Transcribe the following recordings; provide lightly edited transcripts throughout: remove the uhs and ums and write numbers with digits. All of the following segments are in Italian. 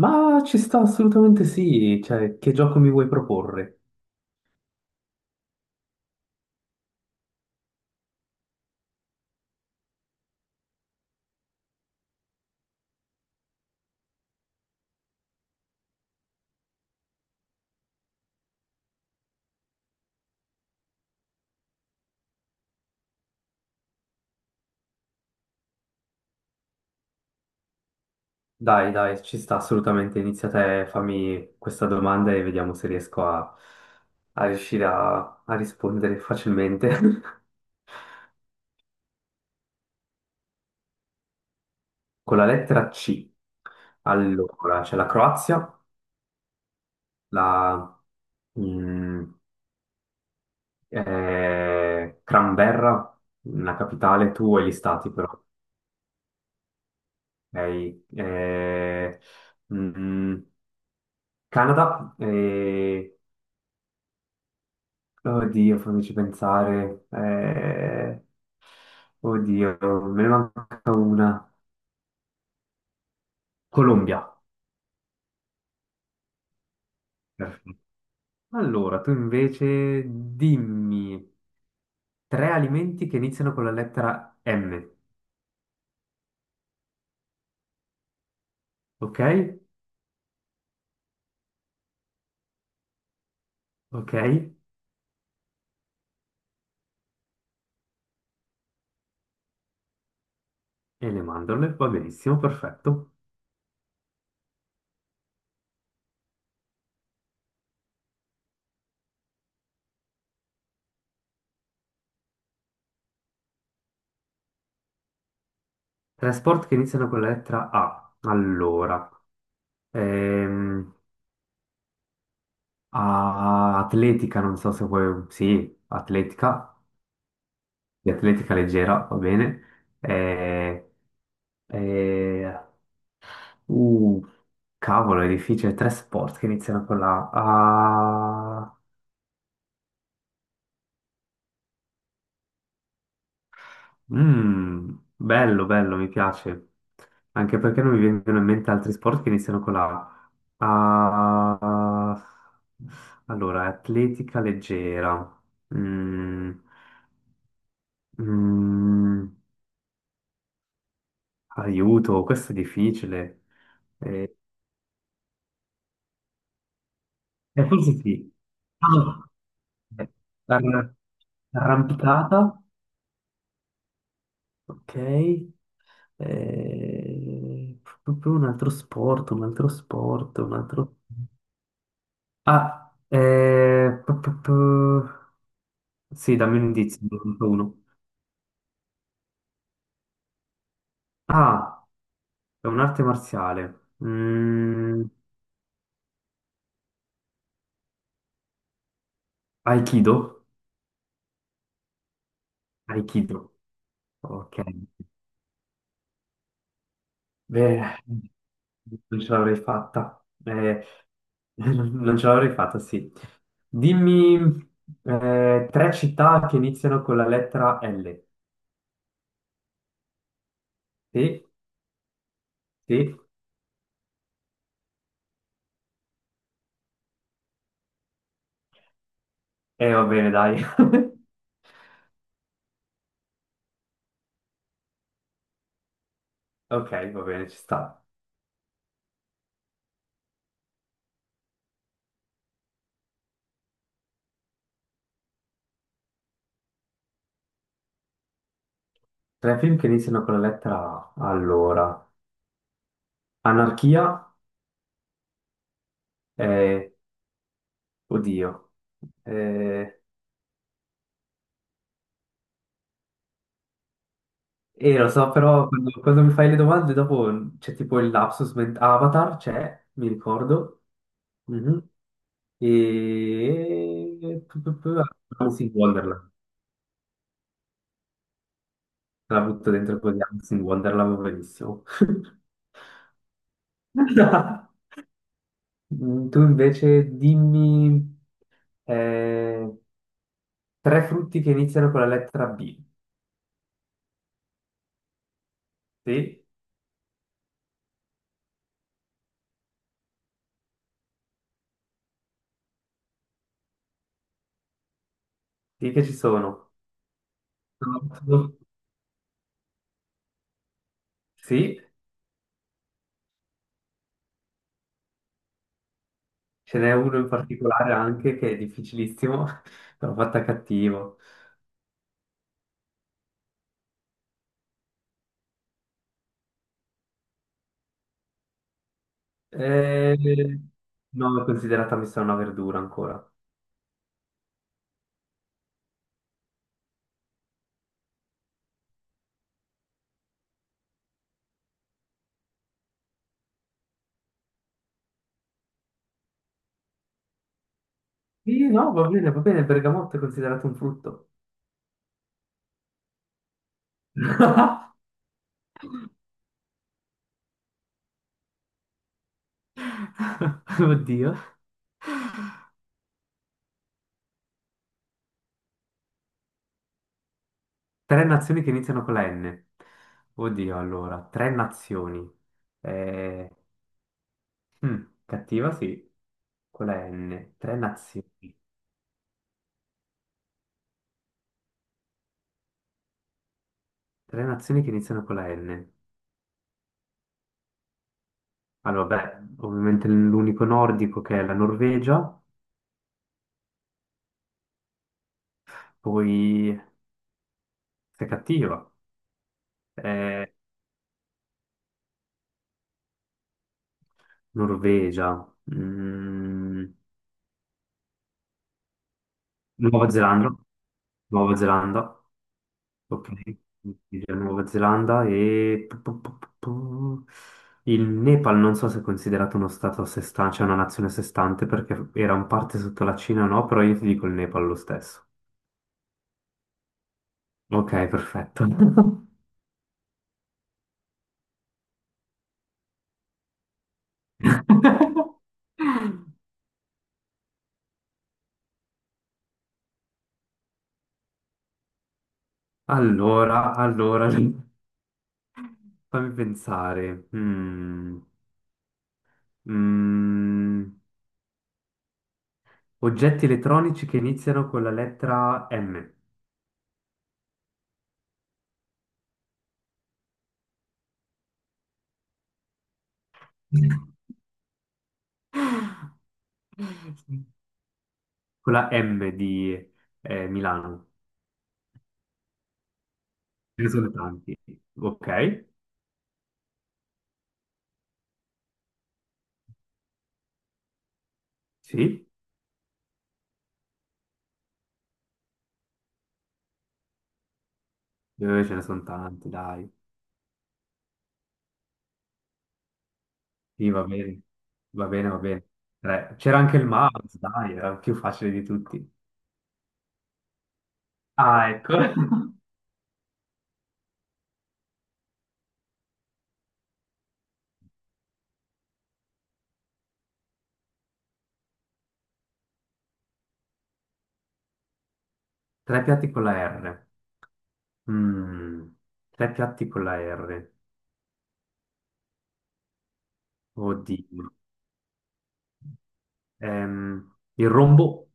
Ma ci sta assolutamente sì, cioè che gioco mi vuoi proporre? Dai, dai, ci sta assolutamente, inizia te, fammi questa domanda e vediamo se riesco a, a riuscire a, a rispondere facilmente. Con la lettera C. Allora, c'è la Croazia, la mm, Canberra, la capitale, tu e gli stati però, ok? Eh, mm, Canada, oddio, fammici pensare. Oddio, me ne manca una. Colombia. Perfetto. Allora, tu invece dimmi tre alimenti che iniziano con la lettera M. Ok? Ok? E le mandorle, va benissimo, perfetto. Tre sport che iniziano con la lettera A. Allora, ehm, atletica, non so se vuoi... Sì, atletica, di atletica leggera, va bene. E... Uh, cavolo, è difficile. Tre sport che iniziano con la A. Ah, mm, bello, bello, mi piace. Anche perché non mi vengono in mente altri sport che iniziano con la A. Ah, allora, atletica leggera. Mm, mm, aiuto, questo è difficile. Eh, forse sì. Ah, eh, arra- arrampicata. Ok. Proprio un altro sport, un altro sport, un altro... Ah, eh, pu- pu- pu- sì, dammi un indizio, ne conto uno. Ah, è un'arte marziale. Mm, Aikido? Aikido, ok. Beh, non ce l'avrei fatta. Non ce l'avrei fatta, sì. Dimmi tre città che iniziano con la lettera L. Sì, sì. E va bene, dai. Ok, va bene, ci sta. Tre film che iniziano con la lettera A. Allora, Anarchia e... Oddio. Eh, lo so, però quando mi fai le domande dopo c'è tipo il lapsus Avatar c'è, mi ricordo. Mhm. E... pu- pu- pu- Alice in Wonderland. Te La butto dentro così, Alice in Wonderland, va benissimo. Mm, tu invece dimmi... eh, tre frutti che iniziano con la lettera B. Sì, sì che ci sono. Pronto? Sì, ce n'è uno in particolare anche che è difficilissimo, l'ho fatta cattivo. Eh, no, l'ho considerata messa una verdura ancora. Sì, no, va bene, il bergamotto è considerato un frutto. Oddio. Tre nazioni che iniziano con la N. Oddio, allora, tre nazioni. Eh, cattiva, sì, con la N. Tre nazioni. Tre nazioni che iniziano con la N. Allora, beh, ovviamente l'unico nordico che è la Norvegia, poi sei cattiva. Eh, Norvegia, mm, Nuova Zelanda, Nuova Zelanda, ok, Norvegia, Nuova Zelanda e il Nepal non so se è considerato uno stato a sé stante, cioè una nazione a sé stante perché era un parte sotto la Cina o no, però io ti dico il Nepal lo stesso. Ok, perfetto. Allora, fammi pensare. Mm, oggetti elettronici che iniziano con la lettera M, con la M di Milano. Ce ne sono tanti. Ok, sì, eh, ce ne sono tanti, dai. Sì, va bene, va bene. Tre. C'era anche il mouse, dai, era più facile di tutti. Ah, ecco. Tre piatti con la R. Mm, tre piatti con la R. Oddio. Il rombo,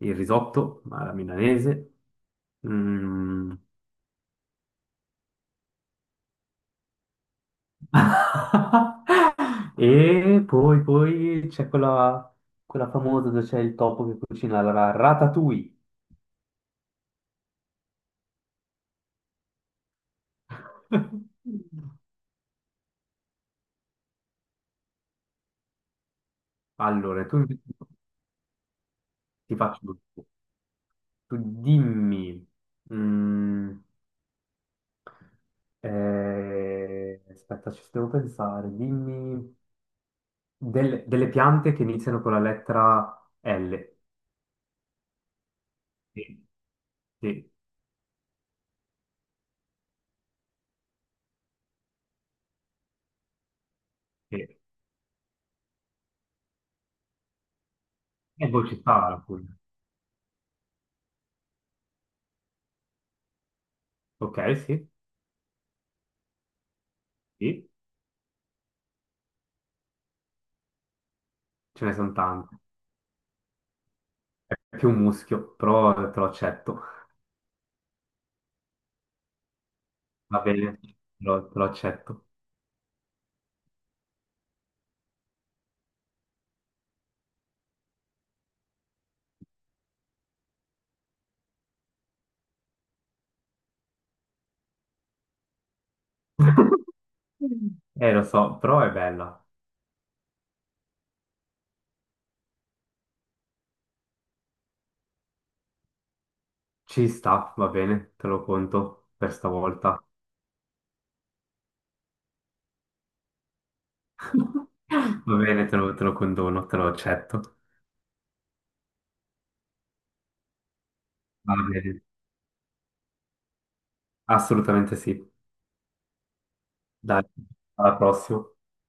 il risotto, ma la milanese. Mm. E poi, poi c'è quella, quella famosa dove c'è il topo che cucina la ratatouille. Allora, tu invece ti faccio tutto. Tu dimmi. mm, aspetta, ci devo pensare. Dimmi delle piante che iniziano con la lettera L. Sì, sì. Sì. E poi ci sta la Puglia. Ok, sì, sì, ce ne sono tante. È più un muschio, però te lo accetto. Va bene, te lo accetto. Lo so, però è bella. Ci sta, va bene, te lo conto per stavolta. Va bene, te lo condono, te lo accetto. Va bene, assolutamente sì. Dai, alla prossima.